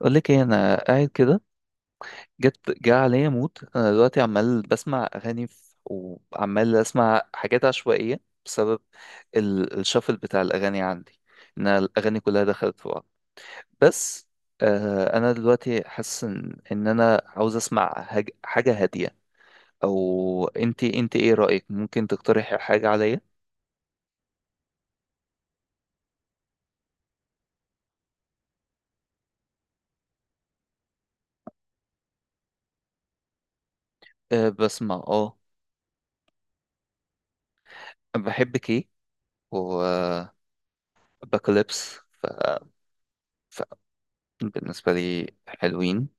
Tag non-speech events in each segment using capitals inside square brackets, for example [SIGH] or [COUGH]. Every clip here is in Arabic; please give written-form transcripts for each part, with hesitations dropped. اقول لك ايه، انا قاعد كده. جه عليا موت. انا دلوقتي عمال بسمع اغاني وعمال اسمع حاجات عشوائيه بسبب الشفل بتاع الاغاني عندي، ان الاغاني كلها دخلت في بعض. بس انا دلوقتي حاسس إن انا عاوز اسمع حاجه هاديه. او انت ايه رايك؟ ممكن تقترحي حاجه عليا؟ آه، بسمع، اه. بحبك ايه وباكليبس. ف... ف... بالنسبه لي حلوين.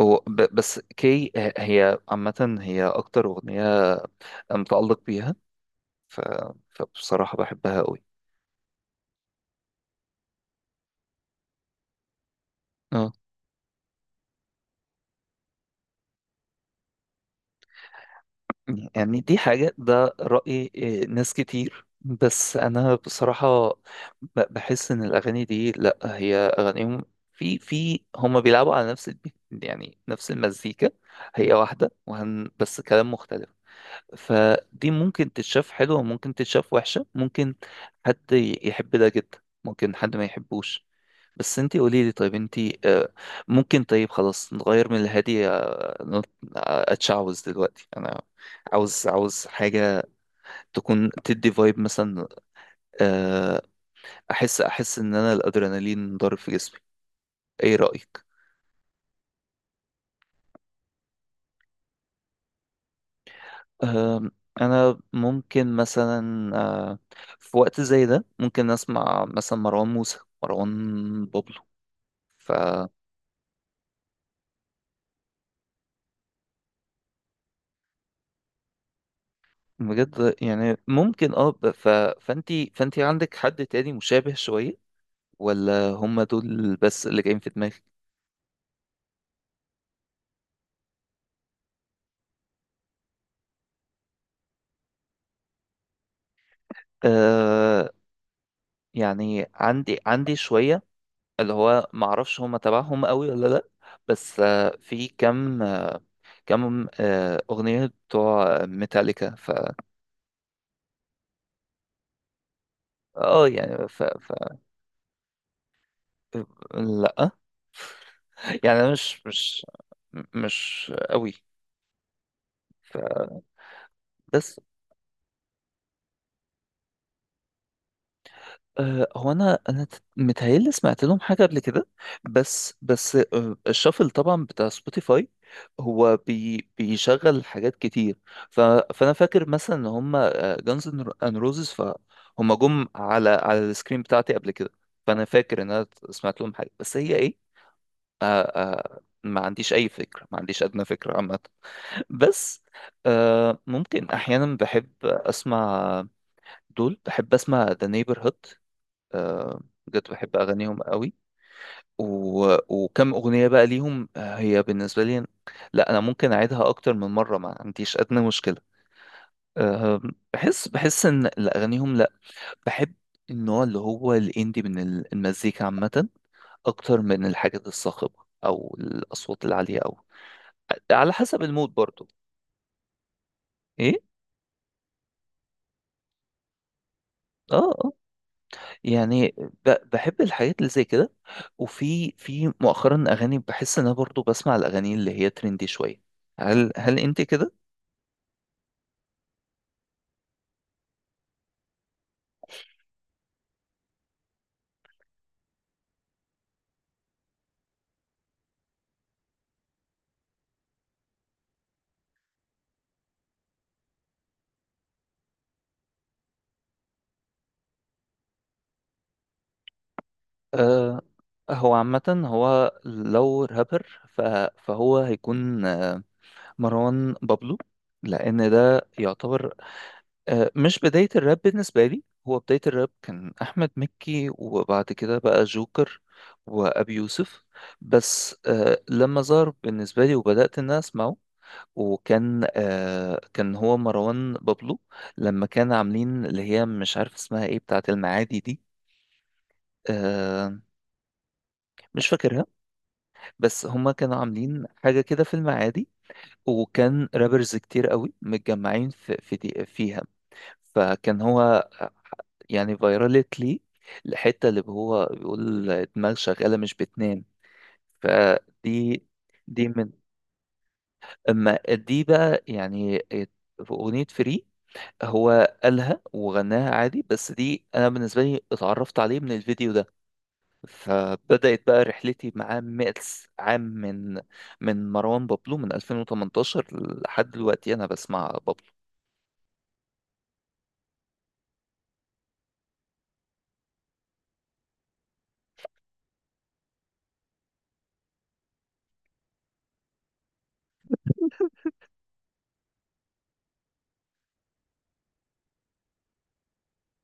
هو بس كي هي عامة، هي أكتر أغنية متعلق بيها. ف... فبصراحة بحبها قوي. اه. يعني دي حاجة، ده رأي إيه، ناس كتير. بس أنا بصراحة بحس إن الأغاني دي، لأ، هي أغانيهم. في هما بيلعبوا على نفس يعني نفس المزيكا، هي واحدة بس كلام مختلف. فدي ممكن تتشاف حلوة، وممكن تتشاف وحشة. ممكن حد يحب ده جدا، ممكن حد ما يحبوش. بس انتي قولي لي. طيب انتي، ممكن، طيب خلاص نغير من الهادي. اتشعوذ دلوقتي انا. عاوز، حاجة تكون تدي فايب مثلا. آه، احس ان انا الادرينالين ضارب في جسمي. ايه رأيك؟ آم، انا ممكن مثلا، في وقت زي ده ممكن اسمع مثلا مروان موسى، مروان بابلو. ف بجد يعني ممكن، اه، فانتي عندك حد تاني مشابه شوية؟ ولا هم دول بس اللي جايين في دماغك؟ آه. يعني عندي شوية، اللي هو معرفش هم تبعهم قوي ولا لأ. بس في كم، كم أغنية بتوع ميتاليكا. ف اه يعني. ف... ف لأ، يعني أنا مش مش قوي. ف بس هو انا متهيألي سمعت لهم حاجه قبل كده. بس الشافل طبعا بتاع سبوتيفاي هو بي بيشغل حاجات كتير. ف فانا فاكر مثلا ان هم جانز ان روزز، فهم جم على السكرين بتاعتي قبل كده. فانا فاكر ان انا سمعت لهم حاجه، بس هي ايه؟ أه ما عنديش اي فكره، ما عنديش ادنى فكره عامه. [LAUGHS] بس ممكن احيانا بحب اسمع دول، بحب اسمع ذا نيبرهود. آه، بجد بحب اغانيهم قوي. وكم اغنيه بقى ليهم، هي بالنسبه لي، لا انا ممكن اعيدها اكتر من مره، ما عنديش ادنى مشكله. آه، بحس ان، لا، اغانيهم، لا، بحب النوع اللي هو الاندي من المزيكا عامه اكتر من الحاجات الصاخبه او الاصوات العاليه، او على حسب المود برضو. ايه، اه. آه. يعني بحب الحاجات اللي زي كده. وفي مؤخرا اغاني، بحس ان انا برضو بسمع الاغاني اللي هي ترندي شويه. هل انت كده؟ آه. هو عامه، هو لو رابر، فهو هيكون، مروان بابلو. لان ده يعتبر، مش بدايه الراب بالنسبه لي. هو بدايه الراب كان احمد مكي، وبعد كده بقى جوكر وابي يوسف. بس لما ظهر بالنسبه لي وبدات ان أنا اسمعه، وكان آه كان هو مروان بابلو، لما كان عاملين اللي هي مش عارف اسمها ايه، بتاعة المعادي دي. آه مش فاكرها. بس هما كانوا عاملين حاجة كده في المعادي، وكان رابرز كتير قوي متجمعين في دي فيها. فكان هو، آه، يعني فيرالت لي الحتة اللي هو بيقول دماغ شغالة مش بتنام. فدي دي من. اما دي بقى يعني، في أغنية فري هو قالها وغناها عادي، بس دي انا بالنسبه لي اتعرفت عليه من الفيديو ده. فبدات بقى رحلتي معاه مئتس عام، من مروان بابلو، من 2018 لحد دلوقتي انا بسمع بابلو.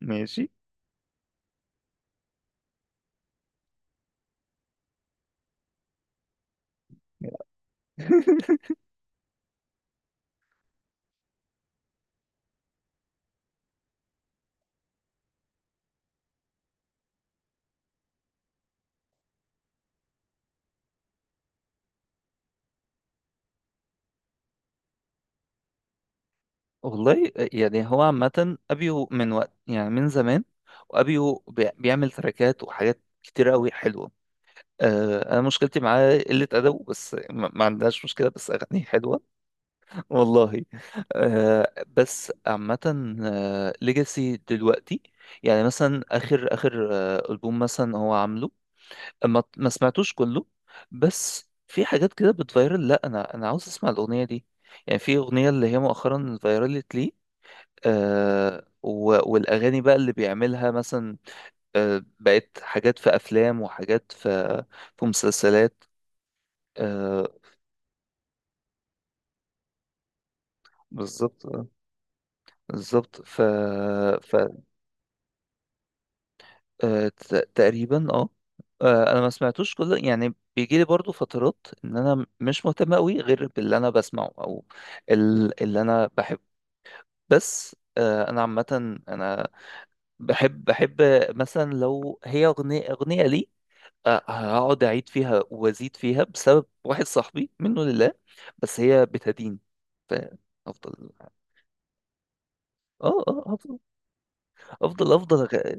ماشي. [LAUGHS] والله يعني هو عامه، ابيو من وقت، يعني من زمان. وابيو بيعمل تراكات وحاجات كتير قوي حلوه. انا مشكلتي معاه قله ادبه، بس ما عندهاش مشكله، بس اغانيه حلوه، والله. بس عامة، ليجاسي دلوقتي، يعني مثلا آخر ألبوم مثلا هو عامله، ما سمعتوش كله. بس في حاجات كده بتفيرل، لا أنا عاوز أسمع الأغنية دي. يعني في أغنية اللي هي مؤخرا فيرلت لي. والأغاني بقى اللي بيعملها مثلا بقت حاجات في أفلام، وحاجات في مسلسلات. آه. بالظبط، بالظبط. ف تقريبا، اه. انا ما سمعتوش كله، يعني بيجي لي برضو فترات ان انا مش مهتم قوي غير باللي انا بسمعه او اللي انا بحبه. بس انا عامه، انا بحب مثلا لو هي اغنيه، لي، هقعد اعيد فيها وازيد فيها بسبب واحد صاحبي، منه لله. بس هي بتدين. فافضل. اه افضل، افضل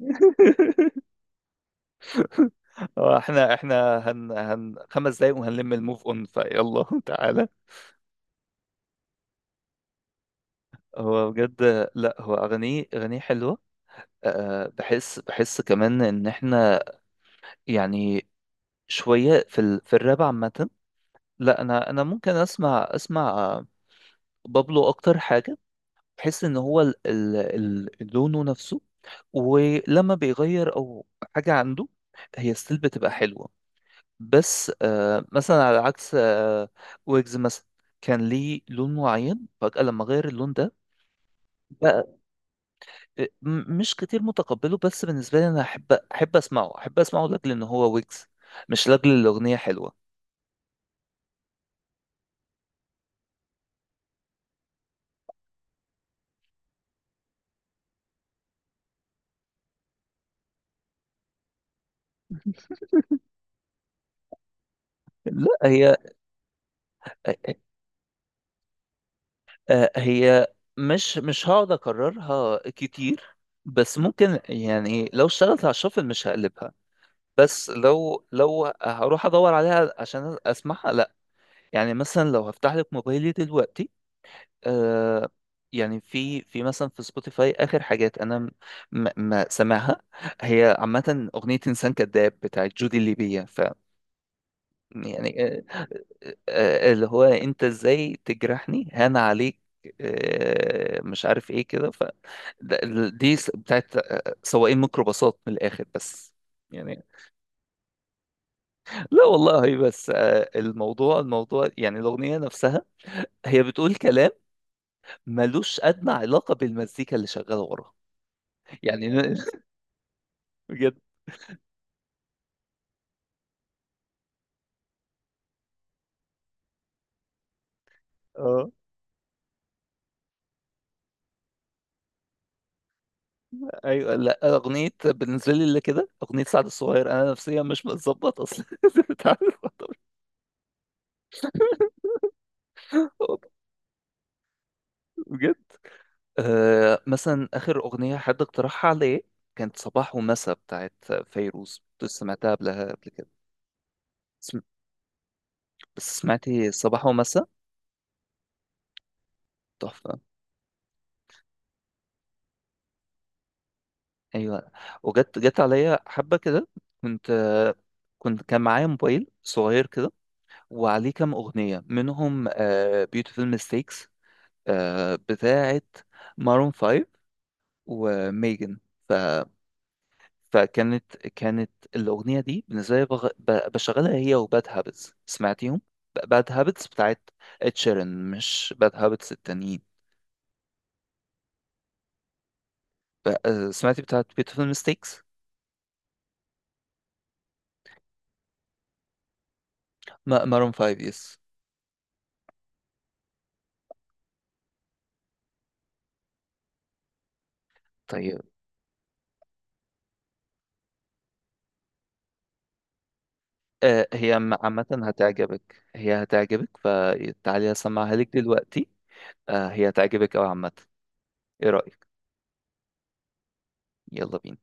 [LAUGHS] هو احنا هن 5 دقايق وهنلم الموف اون فيلا. [LAUGHS] تعالى. هو بجد، لا هو اغانيه حلوه. بحس كمان ان احنا يعني شويه في الراب عامه. لا انا ممكن اسمع بابلو اكتر حاجه. بحس ان هو ال ال ال لونه نفسه، ولما بيغير او حاجه عنده، هي ستيل بتبقى حلوه. بس مثلا على عكس ويجز مثلا، كان ليه لون معين، فجأة لما غير اللون ده بقى، مش كتير متقبله. بس بالنسبة لي أنا أحب أسمعه، لأجل إن هو ويجز، مش لأجل الأغنية حلوة. لا هي، هي مش هقعد اكررها كتير، بس ممكن يعني لو اشتغلت على الشفل مش هقلبها، بس لو هروح ادور عليها عشان اسمعها لا. يعني مثلا لو هفتح لك موبايلي دلوقتي، آه يعني في مثلا في سبوتيفاي اخر حاجات انا، ما سامعها. هي عامه اغنيه انسان كذاب بتاعت جودي الليبيه. ف يعني آه آه اللي هو، انت ازاي تجرحني هان عليك، مش عارف ايه كده. ف ده- دي س- بتاعت، سواقين ميكروباصات من الاخر. بس يعني، لا والله هي، بس الموضوع يعني الاغنيه نفسها، هي بتقول كلام ملوش ادنى علاقه بالمزيكا اللي شغاله وراها. يعني بجد. اه، ايوه. لا، اغنيه بالنسبه لي اللي كده اغنيه سعد الصغير، انا نفسيا مش متظبط اصلا. [LAUGHS] أنت عارف. بجد، مثلا اخر اغنيه حد اقترحها عليا كانت صباح ومساء بتاعت فيروز، كنت سمعتها قبلها قبل كده. سم... بس سمعتي صباح ومساء؟ تحفه. ايوه، وجت عليا حبه كده، كنت، كان معايا موبايل صغير كده، وعليه كام اغنيه منهم. بيوتيفول ميستيكس، بتاعة مارون فايف وميجن. فكانت الأغنية دي بالنسبة لي، بشغلها هي وباد هابتس. سمعتيهم؟ باد هابتس بتاعت اتشيرن، مش باد هابتس التانيين. ب... آه، سمعتي بتاعت بيوتيفول ميستيكس؟ مارون فايف، يس. طيب، هي عامة هتعجبك، هي هتعجبك فتعالي أسمعها لك دلوقتي. هي هتعجبك أوي عامة. إيه رأيك؟ يلا بينا.